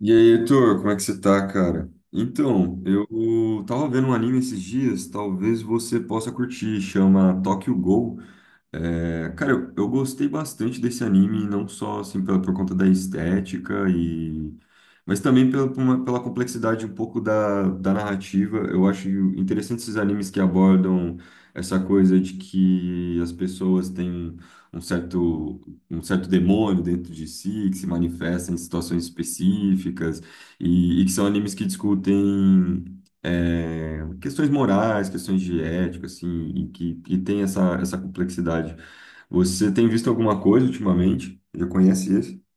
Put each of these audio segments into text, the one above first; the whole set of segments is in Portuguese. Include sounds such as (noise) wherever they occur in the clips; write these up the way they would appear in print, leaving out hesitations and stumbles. E aí, Heitor, como é que você tá, cara? Então, eu tava vendo um anime esses dias, talvez você possa curtir, chama Tokyo Ghoul. É, cara, eu gostei bastante desse anime, não só assim pela, por conta da estética e mas também pela complexidade um pouco da narrativa. Eu acho interessante esses animes que abordam essa coisa de que as pessoas têm um certo, um certo demônio dentro de si, que se manifesta em situações específicas, e que são animes que discutem questões morais, questões de ética, assim, e que tem essa complexidade. Você tem visto alguma coisa ultimamente? Já conhece esse?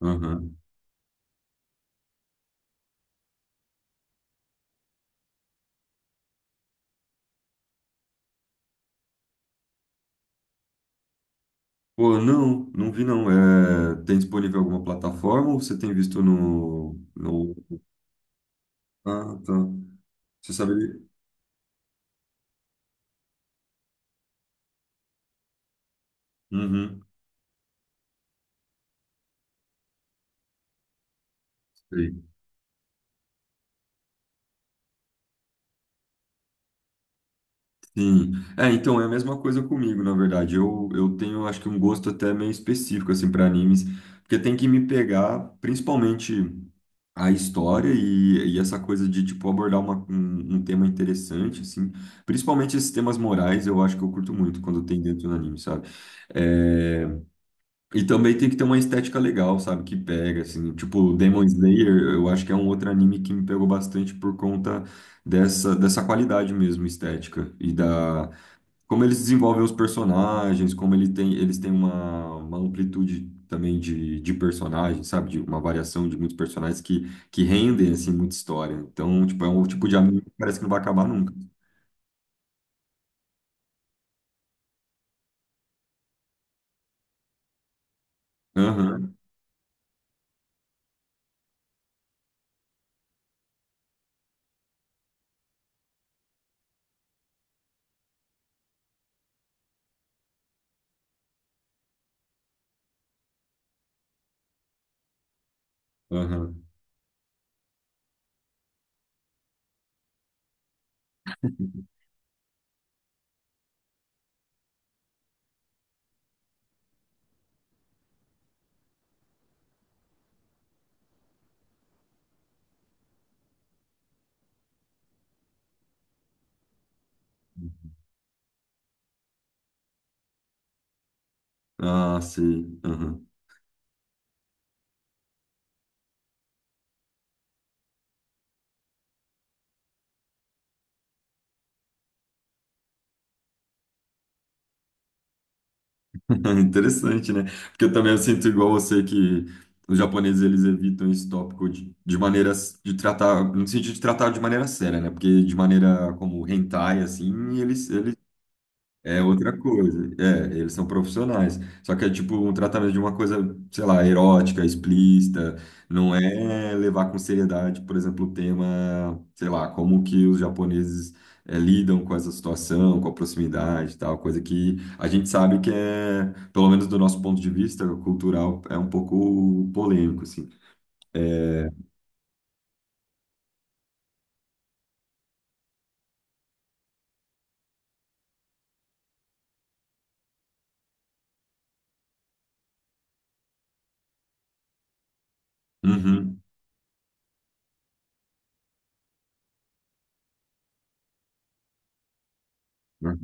Aham. Pô, não, não vi não. É, tem disponível alguma plataforma ou você tem visto no... Ah, tá. Você sabe... Uhum. Sei. Sim. É, então é a mesma coisa comigo, na verdade. Eu tenho, acho que um gosto até meio específico assim para animes, porque tem que me pegar, principalmente a história e essa coisa de tipo abordar um tema interessante assim, principalmente esses temas morais, eu acho que eu curto muito quando tem dentro do anime, sabe? É, e também tem que ter uma estética legal, sabe? Que pega, assim. Tipo, Demon Slayer, eu acho que é um outro anime que me pegou bastante por conta dessa qualidade mesmo estética. E da Como eles desenvolvem os personagens, como ele tem, eles têm uma amplitude também de personagens, sabe? De uma variação de muitos personagens que rendem, assim, muita história. Então, tipo, é um tipo de anime que parece que não vai acabar nunca. Aham, aham. Ah, sim, aham. (laughs) Interessante, né? Porque eu também eu sinto igual você que os japoneses eles evitam esse tópico de maneiras de tratar, no sentido de tratar de maneira séria, né? Porque de maneira como hentai, assim, eles. É outra coisa. É, eles são profissionais. Só que é tipo um tratamento de uma coisa, sei lá, erótica, explícita. Não é levar com seriedade, por exemplo, o tema, sei lá, como que os japoneses lidam com essa situação, com a proximidade e tal. Coisa que a gente sabe que é, pelo menos do nosso ponto de vista cultural, é um pouco polêmico, assim. É, uhum, né?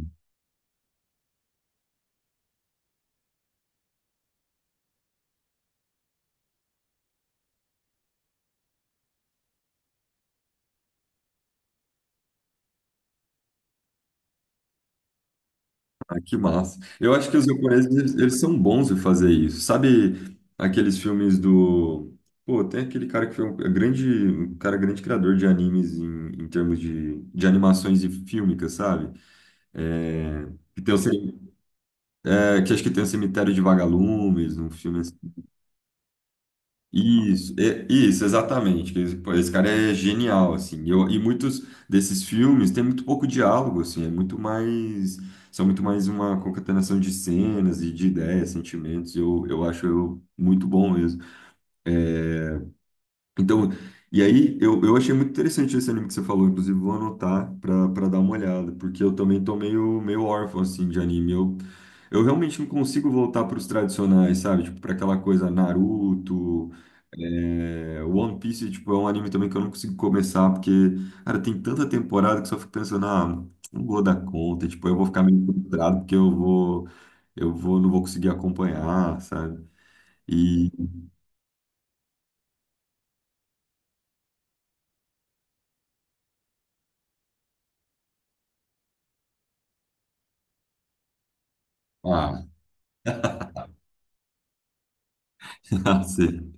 Ah, que massa. Eu acho que os japoneses, eles são bons em fazer isso. Sabe aqueles filmes do... Pô, tem aquele cara que foi um é grande, um cara grande criador de animes em termos de animações e fílmicas, sabe? É, que, tem o cem- que acho que tem o Cemitério de Vagalumes, um filme. Isso, exatamente. Esse, pô, esse cara é genial, assim. E muitos desses filmes têm muito pouco diálogo, assim. É muito mais, são muito mais uma concatenação de cenas e de ideias, sentimentos. Eu acho eu muito bom mesmo. Então, e aí eu achei muito interessante esse anime que você falou. Inclusive vou anotar para dar uma olhada, porque eu também tô meio órfão assim de anime. Eu realmente não consigo voltar para os tradicionais, sabe? Tipo, para aquela coisa Naruto. É, One Piece, tipo, é um anime também que eu não consigo começar, porque, cara, tem tanta temporada que só fico pensando, ah, não vou dar conta, tipo, eu vou ficar meio frustrado porque não vou conseguir acompanhar, sabe? E, ah, (laughs) sim,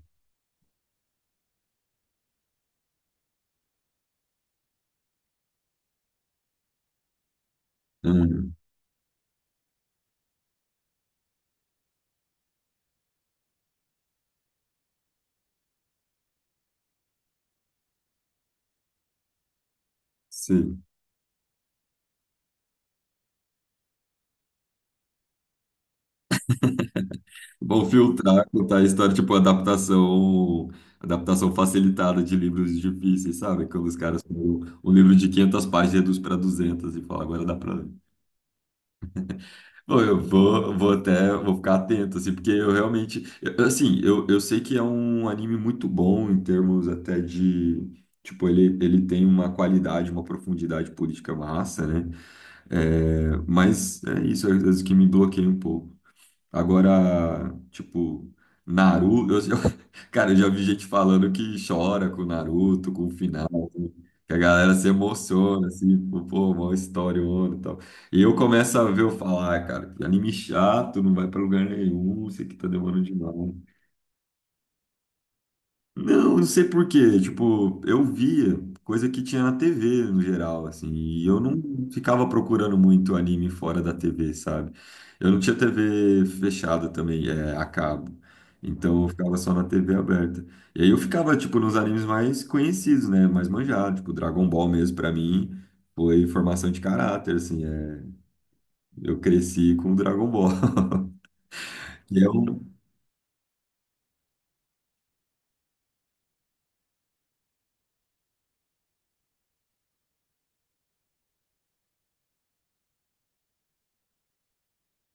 hum, sim. Vão filtrar, contar a história, tipo, adaptação facilitada de livros difíceis, sabe? Quando os caras, pegam um livro de 500 páginas e reduz para 200 e fala, agora dá para ler. Pô, Eu vou, vou até, vou ficar atento, assim, porque eu realmente, assim, eu sei que é um anime muito bom em termos até de, tipo, ele tem uma qualidade, uma profundidade política massa, né? É, mas é isso, é às vezes, que me bloqueia um pouco. Agora, tipo, Naruto, (laughs) cara, eu já vi gente falando que chora com Naruto, com o final, assim, que a galera se emociona, assim, pô, mó história e tal. E eu começo a ver eu falar, "Ah, cara, que anime chato, não vai pra lugar nenhum, isso aqui tá demorando demais. Não, não sei por quê. Tipo, eu via coisa que tinha na TV no geral, assim, e eu não ficava procurando muito anime fora da TV, sabe? Eu não tinha TV fechada também, é, a cabo. Então eu ficava só na TV aberta. E aí eu ficava, tipo, nos animes mais conhecidos, né? Mais manjados, tipo, Dragon Ball mesmo, pra mim, foi formação de caráter, assim, é. Eu cresci com Dragon Ball, (laughs) que é um.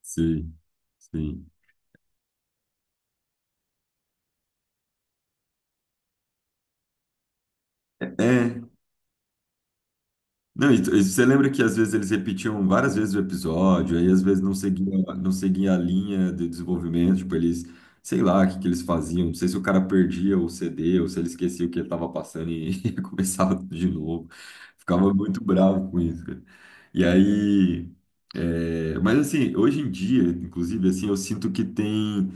Sim. Sim. É, não, e você lembra que às vezes eles repetiam várias vezes o episódio, aí às vezes não seguia a linha de desenvolvimento, tipo, eles, sei lá, o que que eles faziam, não sei se o cara perdia o CD ou se ele esquecia o que ele estava passando e (laughs) começava tudo de novo. Ficava muito bravo com isso, cara. E aí, é, mas assim, hoje em dia, inclusive, assim, eu sinto que tem,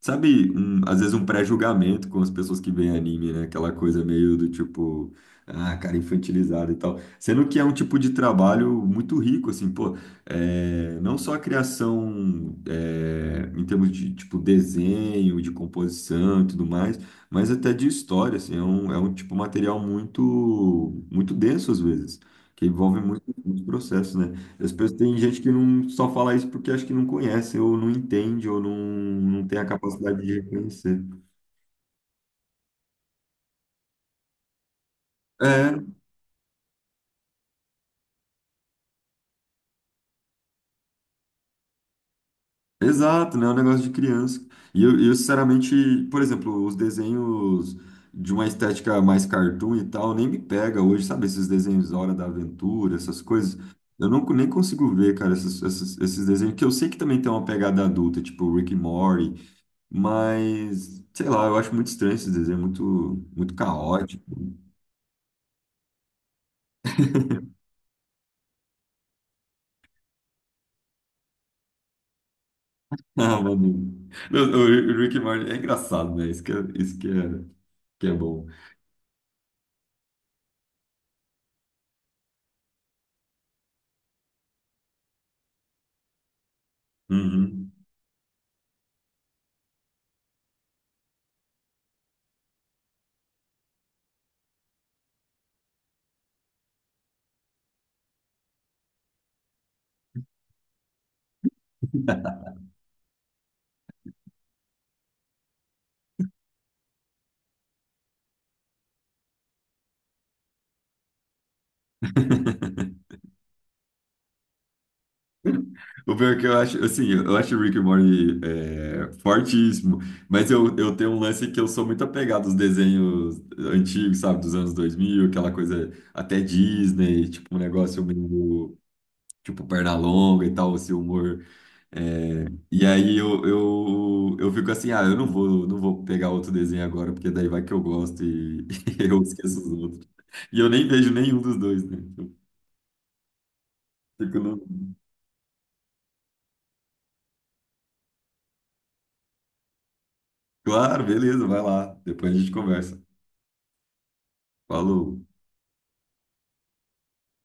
sabe, às vezes um pré-julgamento com as pessoas que veem anime, né? Aquela coisa meio do tipo, ah, cara, infantilizado e tal. Sendo que é um tipo de trabalho muito rico, assim, pô, é, não só a criação é, em termos de, tipo, desenho, de composição e tudo mais, mas até de história, assim, é um tipo material muito, muito denso às vezes, que envolve muito, muito processo, né? As pessoas, tem gente que não só fala isso porque acha que não conhece, ou não entende, ou não tem a capacidade de reconhecer. É, exato, né? É um negócio de criança. E sinceramente, por exemplo, os desenhos de uma estética mais cartoon e tal, nem me pega hoje, sabe? Esses desenhos da Hora da Aventura, essas coisas. Eu não, nem consigo ver, cara, esses desenhos, que eu sei que também tem uma pegada adulta, tipo Rick e Morty, mas, sei lá, eu acho muito estranho esses desenhos, muito, muito caótico. (laughs) Ah, mano. Não, o Rick e Morty é engraçado, né? Isso que é bom. Uhum. (laughs) O pior é que eu acho, assim, eu acho o Rick and Morty é, fortíssimo, mas eu tenho um lance que eu sou muito apegado aos desenhos antigos, sabe, dos anos 2000, aquela coisa até Disney, tipo um negócio meio, tipo Pernalonga e tal, esse humor. É, eu fico assim, ah, eu não vou, não vou pegar outro desenho agora, porque daí vai que eu gosto e, (laughs) e eu esqueço os outros. E eu nem vejo nenhum dos dois, né? Tipo, eu fico no... Claro, beleza, vai lá, depois a gente conversa. Falou.